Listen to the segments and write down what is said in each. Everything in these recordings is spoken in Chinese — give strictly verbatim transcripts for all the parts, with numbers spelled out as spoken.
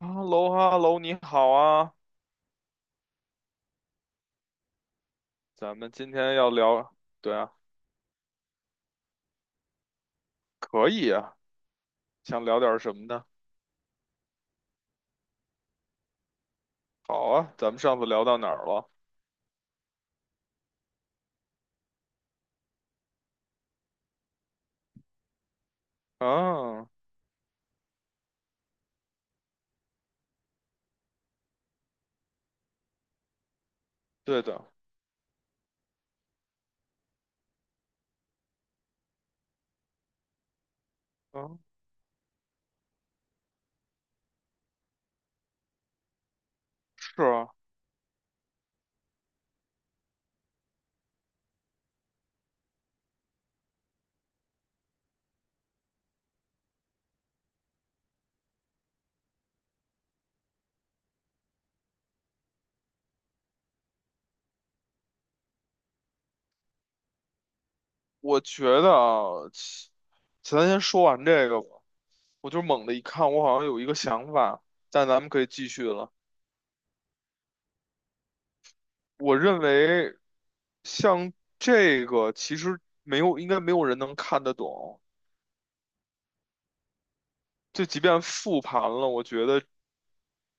哈喽哈喽，你好啊，咱们今天要聊，对啊，可以啊，想聊点什么呢？好啊，咱们上次聊到哪儿了？嗯，对的，嗯，是啊，我觉得啊，其咱先说完这个吧。我就猛地一看，我好像有一个想法，但咱们可以继续了。我认为，像这个其实没有，应该没有人能看得懂。就即便复盘了，我觉得。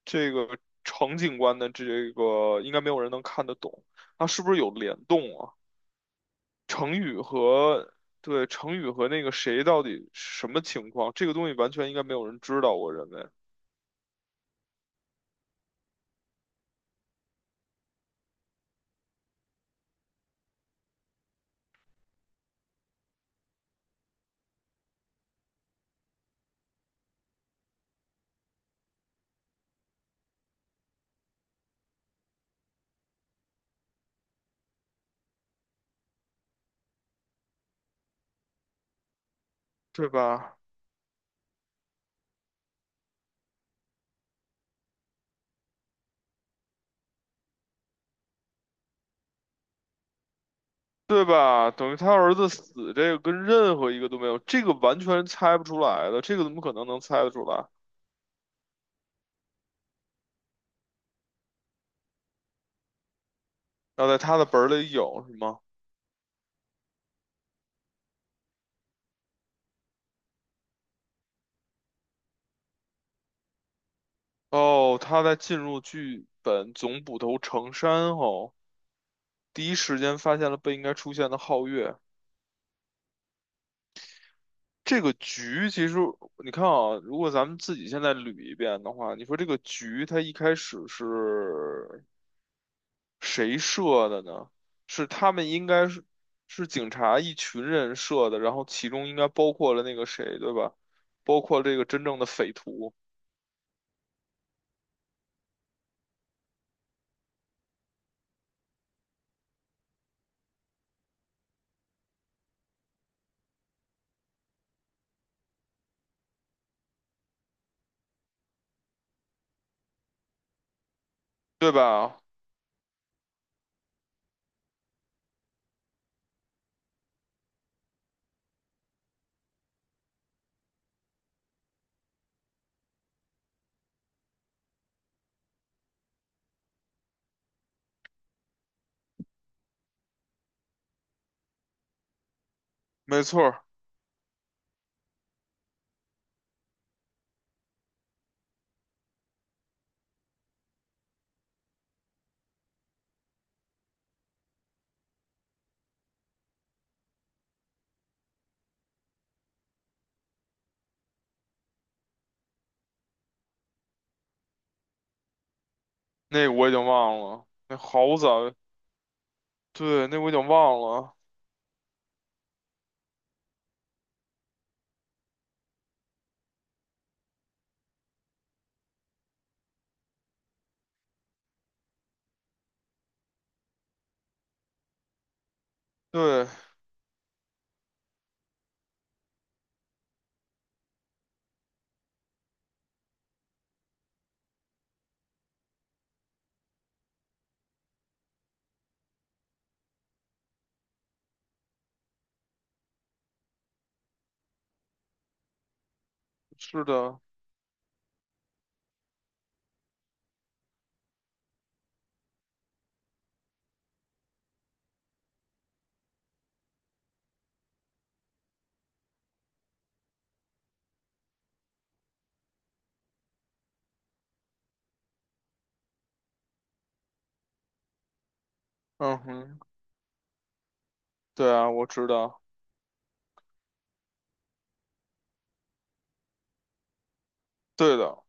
这个程警官的这个应该没有人能看得懂，它是不是有联动啊？程宇和对程宇和那个谁到底什么情况？这个东西完全应该没有人知道，我认为，对吧？对吧？等于他儿子死，这个跟任何一个都没有，这个完全猜不出来的，这个怎么可能能猜得出来？要在他的本儿里有是吗？哦，他在进入剧本总捕头程山后，第一时间发现了不应该出现的皓月。这个局其实你看啊，如果咱们自己现在捋一遍的话，你说这个局它一开始是谁设的呢？是他们应该是是警察一群人设的，然后其中应该包括了那个谁，对吧？包括这个真正的匪徒，对吧？没错儿。那我已经忘了，那好早，对，那我已经忘了，对，是的，嗯哼，对啊，我知道，对的。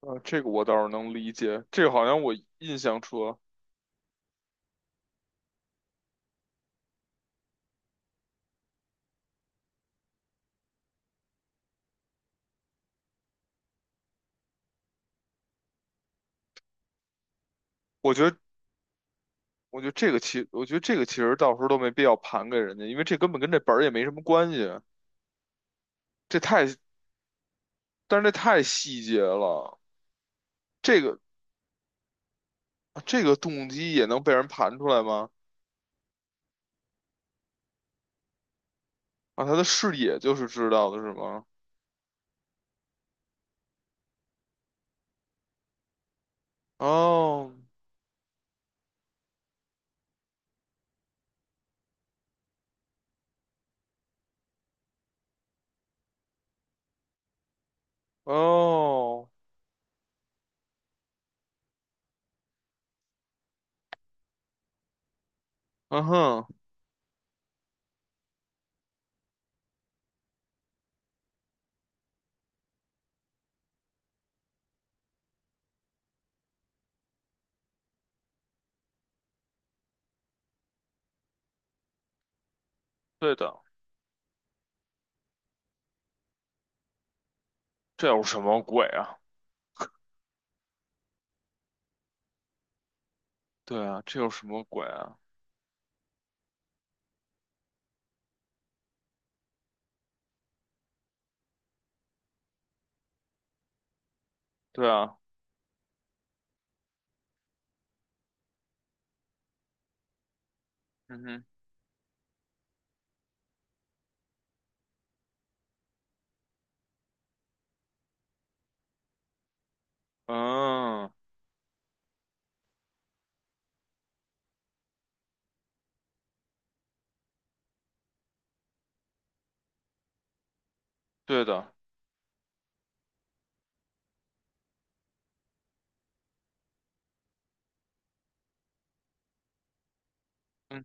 啊，这个我倒是能理解，这个好像我印象中，我觉得，我觉得这个其，我觉得这个其实到时候都没必要盘给人家，因为这根本跟这本儿也没什么关系，这太，但是这太细节了，这个这个动机也能被人盘出来吗？啊，他的视野就是知道的是吗？哦。哦，嗯哼，对的，这有什么鬼啊？对啊，这有什么鬼啊？对啊，嗯哼，嗯，对的，嗯，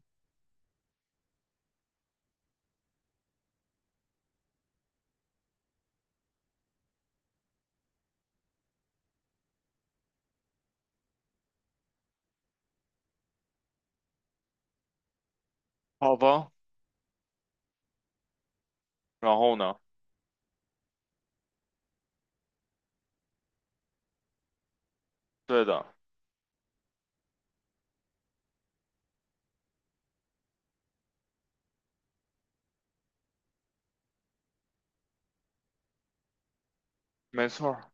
好吧，然后呢？对的，没错儿。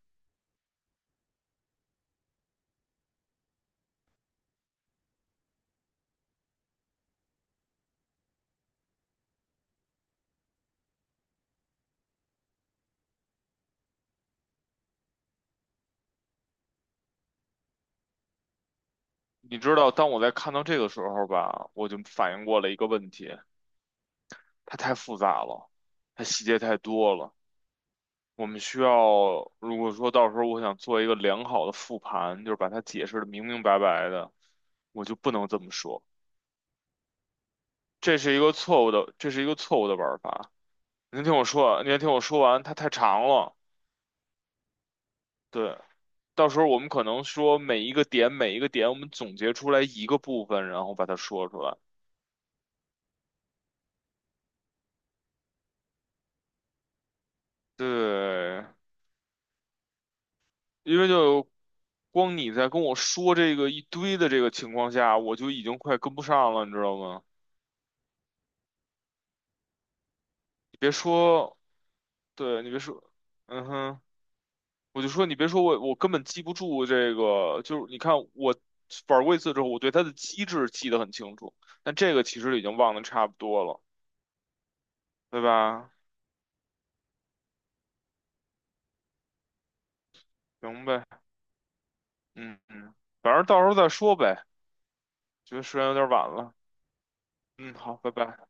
你知道，当我在看到这个时候吧，我就反应过了一个问题，它太复杂了，它细节太多了。我们需要，如果说到时候我想做一个良好的复盘，就是把它解释的明明白白的，我就不能这么说。这是一个错误的，这是一个错误的玩法。您听我说，您听我说完，它太长了。对，到时候我们可能说每一个点，每一个点，我们总结出来一个部分，然后把它说出来。对，因为就光你在跟我说这个一堆的这个情况下，我就已经快跟不上了，你知道吗？你别说，对，你别说，嗯哼，我就说你别说我，我根本记不住这个，就是你看我玩过一次之后，我对它的机制记得很清楚，但这个其实已经忘得差不多了，对吧？行呗，嗯嗯，反正到时候再说呗，觉得时间有点晚了，嗯，好，拜拜。